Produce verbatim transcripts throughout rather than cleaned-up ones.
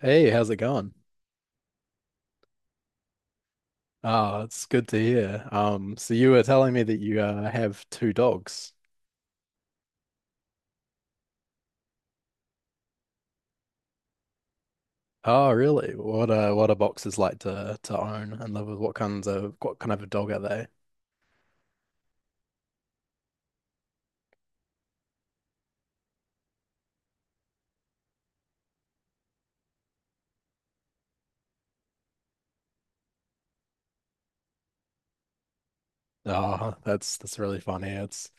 Hey, how's it going? Oh, it's good to hear. Um, so you were telling me that you uh, have two dogs. Oh, really? What uh, what are boxes like to to own and live with? What kinds of what kind of a dog are they? Oh, that's that's really funny. It's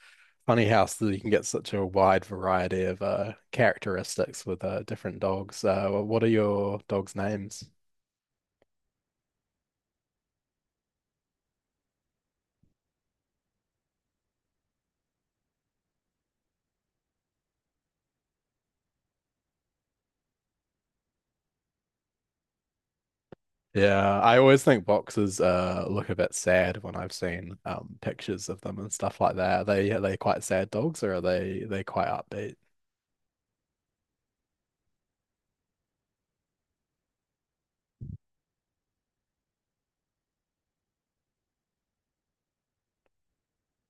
funny how s- you can get such a wide variety of uh, characteristics with uh, different dogs. Uh, wh- what are your dogs' names? Yeah, I always think boxers uh look a bit sad when I've seen um pictures of them and stuff like that. Are they are they quite sad dogs or are they they quite upbeat?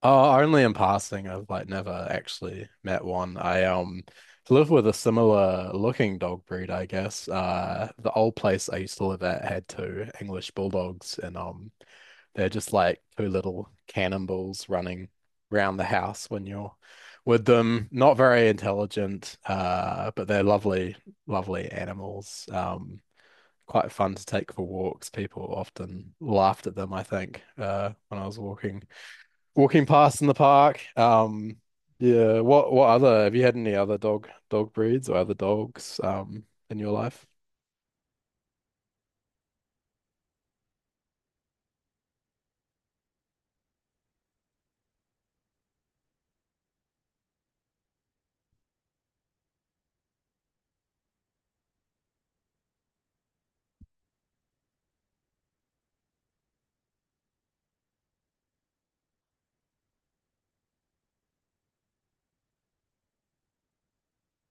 Oh, only in passing. I've like never actually met one. I um live with a similar looking dog breed, I guess. Uh the old place I used to live at had two English bulldogs and um they're just like two little cannonballs running around the house when you're with them. Not very intelligent, uh, but they're lovely, lovely animals. Um, quite fun to take for walks. People often laughed at them, I think, uh, when I was walking walking past in the park. Um, yeah. What what other Have you had any other dog dog breeds or other dogs um in your life?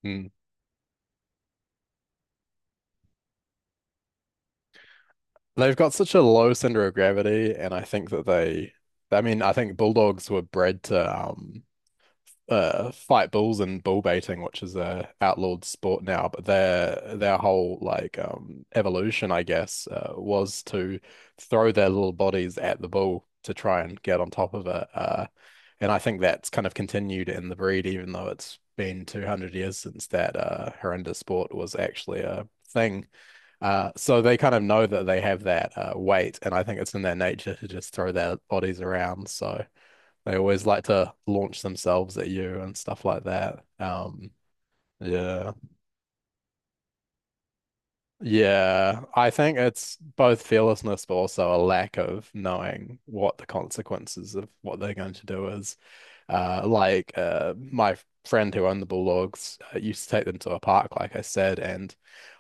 Hmm. They've got such a low center of gravity, and I think that they, I mean, I think bulldogs were bred to um uh fight bulls and bull baiting, which is a outlawed sport now, but their their whole like um evolution, I guess, uh, was to throw their little bodies at the bull to try and get on top of it. Uh, and I think that's kind of continued in the breed, even though it's been two hundred years since that uh horrendous sport was actually a thing. Uh, so they kind of know that they have that uh, weight, and I think it's in their nature to just throw their bodies around. So they always like to launch themselves at you and stuff like that. Um, yeah. Yeah. I think it's both fearlessness, but also a lack of knowing what the consequences of what they're going to do is. Uh, like uh, my friend who owned the bulldogs uh, used to take them to a park, like I said, and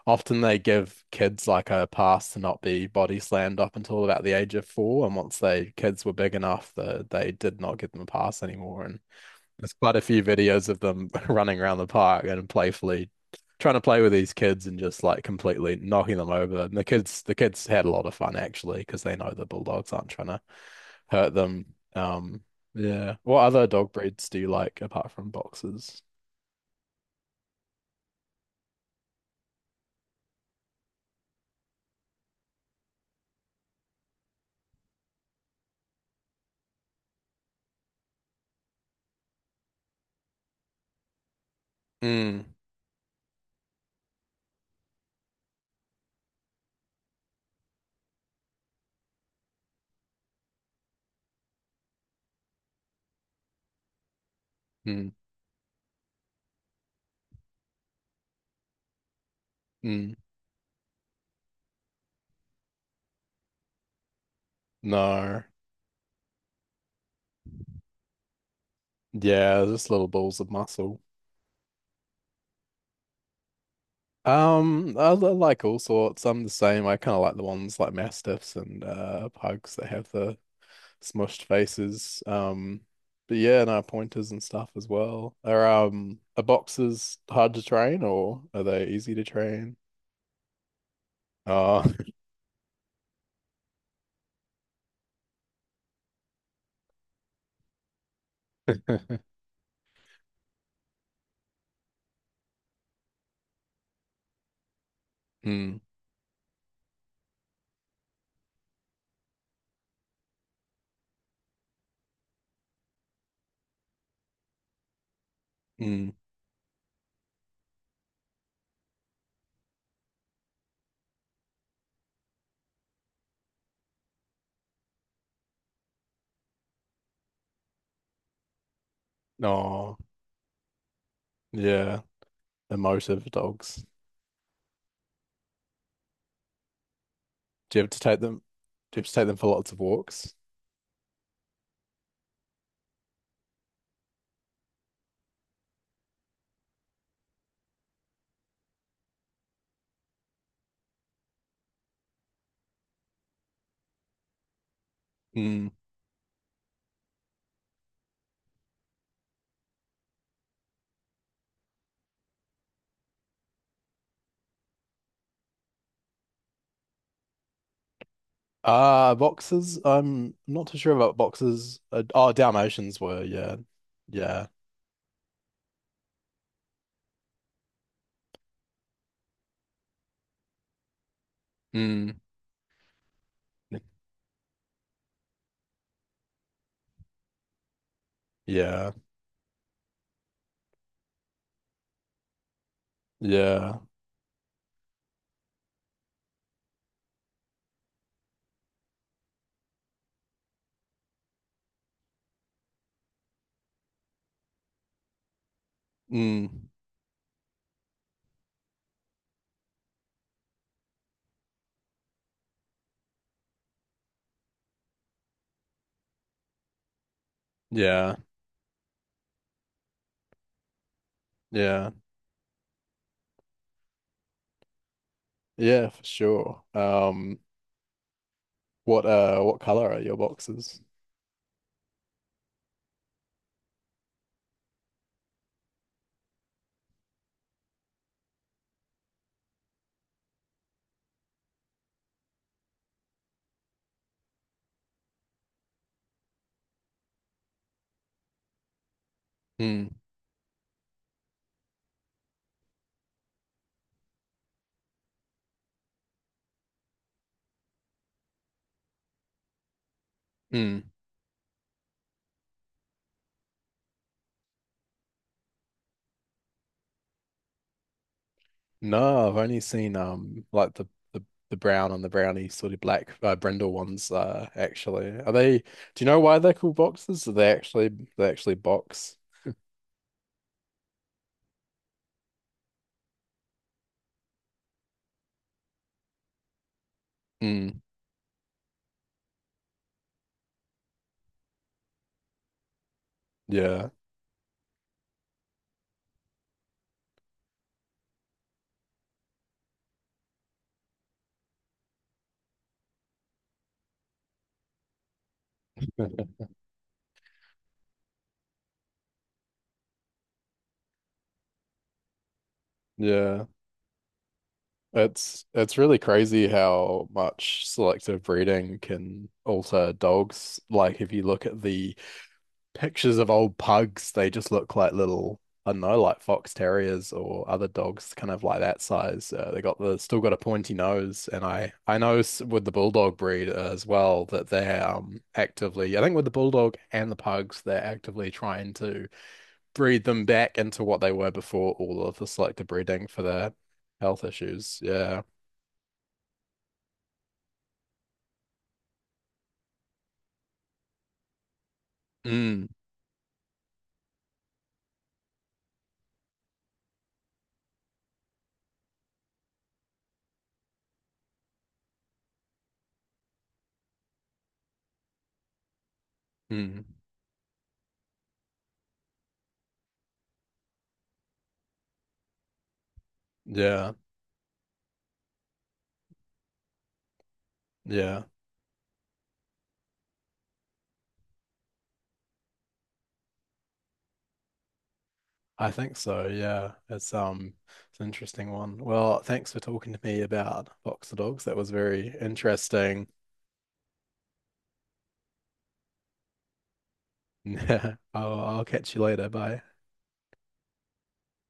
often they give kids like a pass to not be body slammed up until about the age of four. And once they kids were big enough, the, they did not give them a pass anymore. And there's quite a few videos of them running around the park and playfully trying to play with these kids and just like completely knocking them over. And the kids, the kids had a lot of fun actually because they know the bulldogs aren't trying to hurt them. Um, yeah. What other dog breeds do you like apart from boxers? Mm, mm, mm. No. Yeah, just little balls of muscle. Um, I, I like all sorts. I'm the same. I kind of like the ones like mastiffs and uh pugs that have the smushed faces. Um, but yeah, no pointers and stuff as well. Are um are boxes hard to train or are they easy to train? Oh, mm, mm, oh, yeah, emotive dogs. Do you have to take them? Do you have to take them for lots of walks? Mm. Ah, boxes. I'm not too sure about boxes. Uh, oh, Dalmatians were, yeah, yeah, mm, yeah, yeah, mm, yeah, yeah. Yeah, for sure. Um, what uh what color are your boxes? Hmm. Hmm. No, I've only seen um like the the, the brown and the brownie sort of black uh, brindle ones uh actually. Are they do you know why they're called boxes? Do they actually they actually box? Mm, yeah. Yeah. It's it's really crazy how much selective breeding can alter dogs. Like if you look at the pictures of old pugs, they just look like little, I don't know, like fox terriers or other dogs, kind of like that size. Uh, they got the still got a pointy nose, and I I know s- with the bulldog breed as well that they're um actively, I think with the bulldog and the pugs, they're actively trying to breed them back into what they were before all of the selective breeding for their health issues. Yeah. Mm, mm, yeah. Yeah. I think so, yeah. It's um it's an interesting one. Well, thanks for talking to me about boxer dogs. That was very interesting. Yeah. I'll, I'll catch you later. Bye.